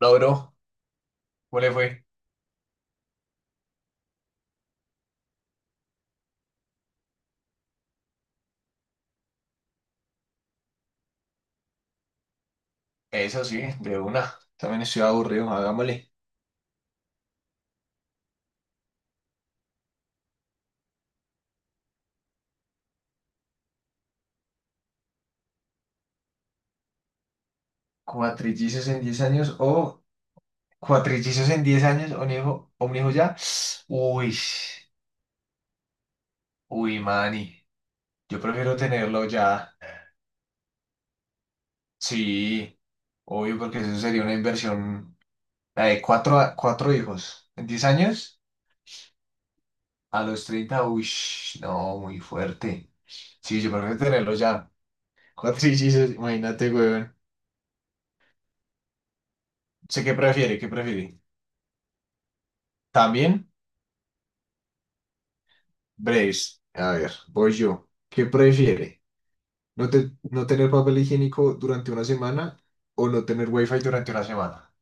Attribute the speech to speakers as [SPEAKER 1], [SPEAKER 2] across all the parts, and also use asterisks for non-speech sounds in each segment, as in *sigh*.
[SPEAKER 1] No, bro, ¿cómo le fue? Eso sí, de una. También estoy aburrido, hagámosle. Cuatrillizos en 10 años o cuatrillizos en 10 años o un hijo ya. Uy, uy, mani. Yo prefiero tenerlo ya. Sí, obvio, porque eso sería una inversión. La de cuatro, cuatro hijos en 10 años a los 30. Uy, no, muy fuerte. Sí, yo prefiero tenerlo ya. Cuatrillizos, imagínate, weón. ¿Sé qué prefiere? ¿Qué prefiere? ¿También? Braves, a ver, voy yo. ¿Qué prefiere? ¿No, no tener papel higiénico durante una semana o no tener wifi durante una semana?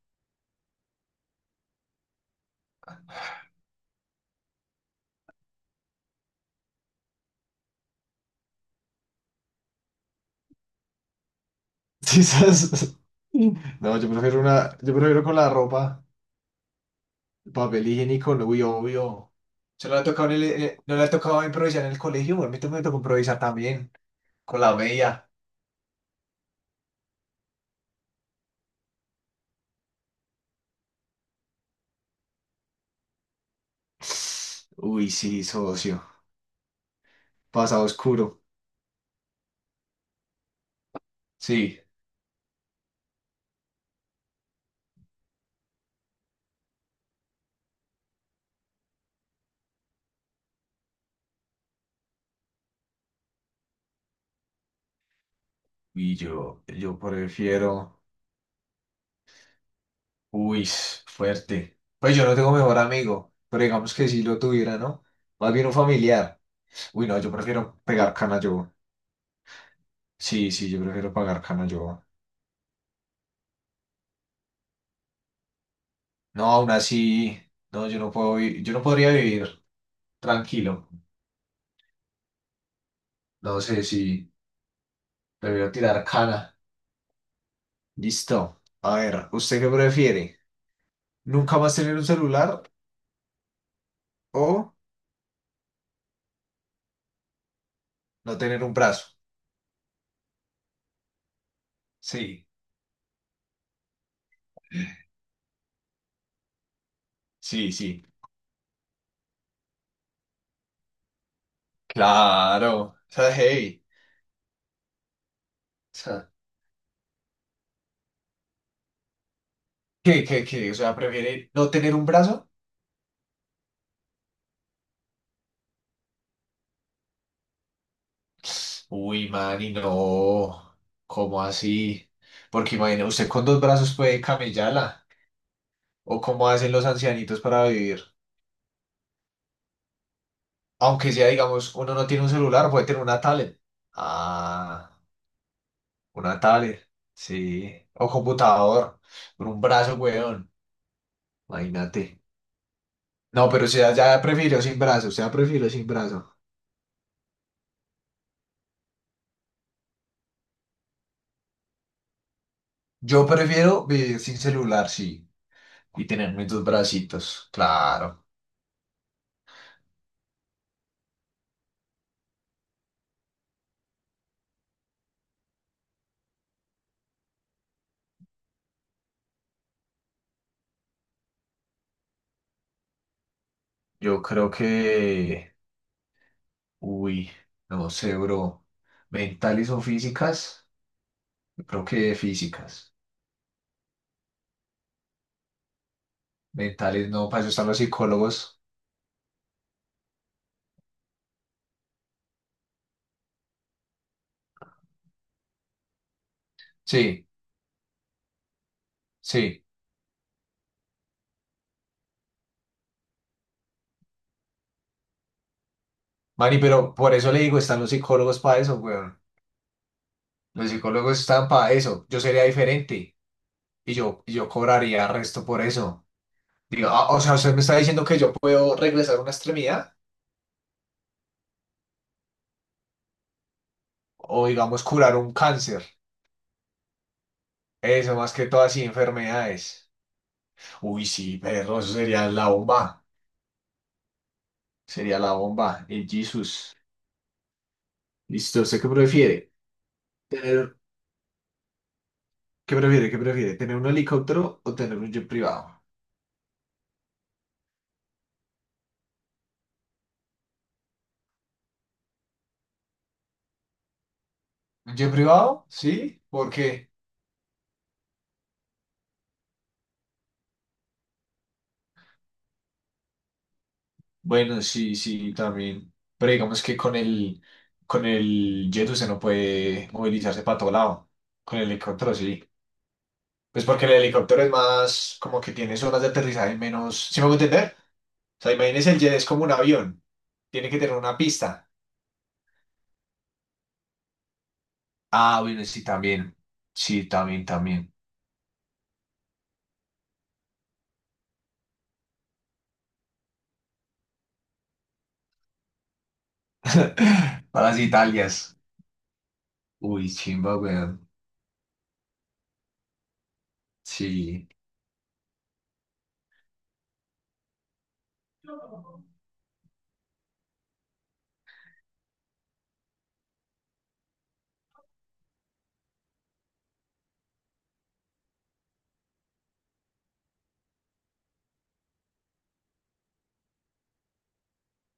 [SPEAKER 1] *laughs* Quizás. No, yo prefiero con la ropa, el papel higiénico, no, uy, obvio. Se lo ha tocado no le ha tocado improvisar en el colegio, a mí también me tocó improvisar también, con la media. Uy, sí, socio. Pasado oscuro. Sí. Y yo prefiero. Uy, fuerte. Pues yo no tengo mejor amigo, pero digamos que si lo tuviera, ¿no? Más bien un familiar. Uy, no, yo prefiero pegar cana yo. Sí, sí, yo prefiero pagar cana yo. No, aún así, no, yo no puedo, yo no podría vivir tranquilo. No sé si prefiero tirar cana. Listo. A ver, ¿usted qué prefiere? ¿Nunca más tener un celular o no tener un brazo? Sí, sí, sí. Claro. O sea, hey. ¿Qué, qué, qué? O sea, prefiere no tener un brazo. Uy, man, y no. ¿Cómo así? Porque imagina, usted con dos brazos puede camellarla. O cómo hacen los ancianitos para vivir. Aunque sea, digamos, uno no tiene un celular, puede tener una tablet. Ah, una tablet. Sí. O computador. Con un brazo, weón. Imagínate. No, pero o sea, ya prefiero sin brazo. O sea, prefiero sin brazo. Yo prefiero vivir sin celular, sí. Y tener mis dos bracitos. Claro. Yo creo que, uy, no sé, bro. ¿Mentales o físicas? Yo creo que físicas. Mentales no, para eso están los psicólogos. Sí, sí. Mani, pero por eso le digo, están los psicólogos para eso, weón. Los psicólogos están para eso. Yo sería diferente y yo cobraría resto por eso. Digo, ah, o sea, usted me está diciendo que yo puedo regresar una extremidad o, digamos, curar un cáncer. Eso, más que todas y enfermedades. Uy, sí, perro, eso sería la bomba. Sería la bomba, el Jesus. Listo, ¿usted qué prefiere? Tener, ¿Qué prefiere? ¿Tener un helicóptero o tener un jet privado? ¿Un jet privado? Sí, porque bueno, sí, sí, también. Pero digamos que con el jet usted no puede movilizarse para todo lado. Con el helicóptero sí. Pues porque el helicóptero es más como que tiene zonas de aterrizaje menos. ¿Sí me voy a entender? O sea, imagínese el jet es como un avión. Tiene que tener una pista. Ah, bueno, sí, también. Sí, también, también. *laughs* Para las Italias. Uy, chimba, weón. Sí.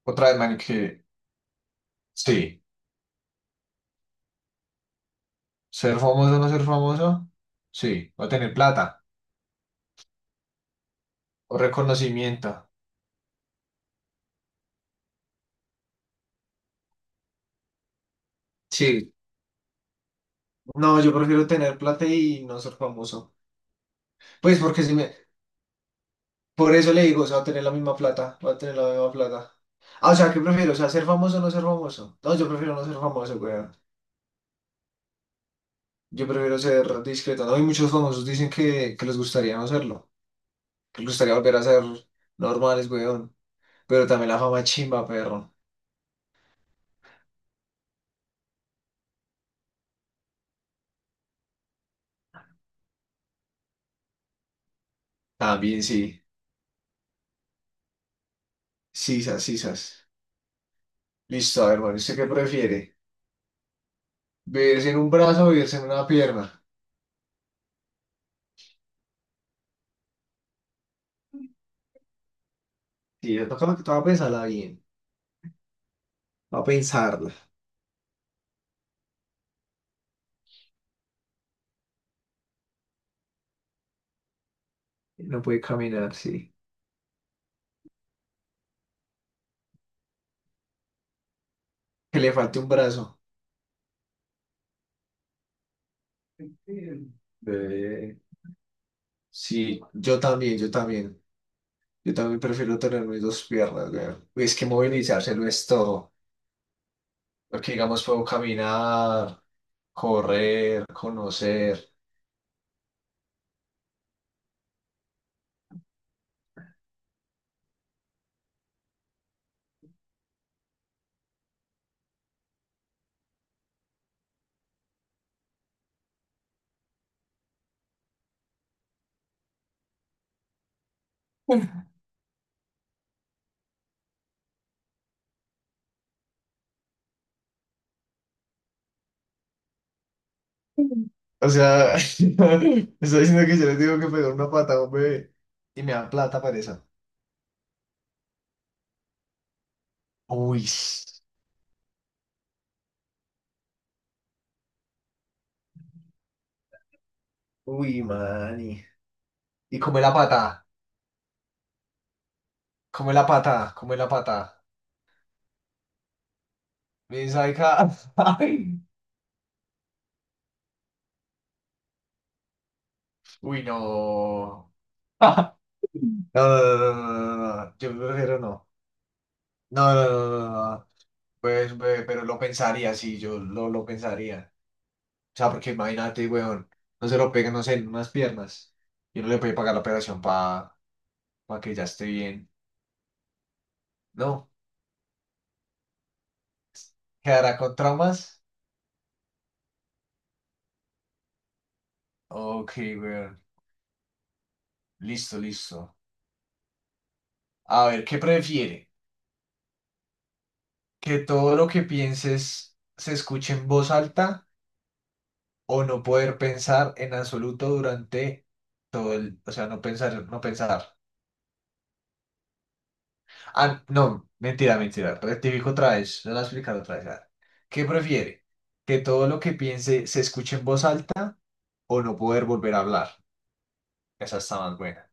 [SPEAKER 1] Otra vez, man, que sí. Ser famoso o no ser famoso. Sí. O tener plata. O reconocimiento. Sí, no, yo prefiero tener plata y no ser famoso. Pues porque si me, por eso le digo, o sea, va a tener la misma plata, va a tener la misma plata. Ah, o sea, ¿qué prefiero? O sea, ser famoso o no ser famoso. No, yo prefiero no ser famoso, weón. Yo prefiero ser discreto. No, y muchos famosos dicen que les gustaría no serlo, que les gustaría volver a ser normales, weón. Pero también la fama chimba, perro. También sí. Sisas, sisas. Listo, a ver, bueno, ¿usted qué prefiere? ¿Beberse en un brazo o beberse en una pierna? Sí, le toca lo que te va a pensarla bien. Va a pensarla. No puede caminar, sí. Que le falte un brazo. Eh, sí, yo también, yo también. Yo también prefiero tener mis dos piernas, weón. Es que movilizarse lo es todo. Porque, digamos, puedo caminar, correr, conocer. O sea, *laughs* estoy diciendo que yo les digo que pegar una pata a un bebé y me dan plata para eso. Uy, uy, mani. Y come la pata, come la pata, come la pata. Me sabe ca- *laughs* Ay, uy, no. *laughs* No, no, no, no, no, no, no. Yo prefiero no. No, no, no, no, no, no. Pues, ve, pero lo pensaría, sí, yo lo pensaría. O sea, porque imagínate, weón, no se lo pegan, no sé, en unas piernas. Y uno le puede pagar la operación para que ya esté bien. No, ¿quedará con traumas? Ok, weón. Listo, listo. A ver, ¿qué prefiere? ¿Que todo lo que pienses se escuche en voz alta o no poder pensar en absoluto O sea, no pensar, no pensar. Ah, no, mentira, mentira. Rectifico otra vez. Se lo voy a explicar otra vez. A ver, ¿qué prefiere? ¿Que todo lo que piense se escuche en voz alta o no poder volver a hablar? Esa está más buena.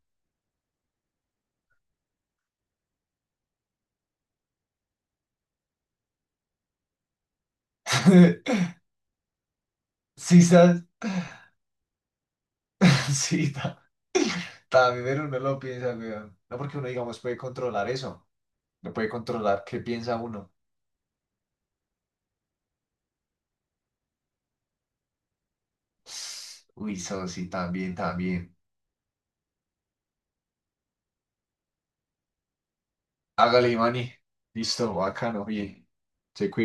[SPEAKER 1] *laughs* Sí, ¿sabes? *laughs* Sí, también, pero uno lo piensa, weón. No porque uno, digamos, puede controlar eso. No puede controlar qué piensa uno. Uy, eso sí, también, también. Hágale, Manny. Listo, bacano, bien. Se cuida.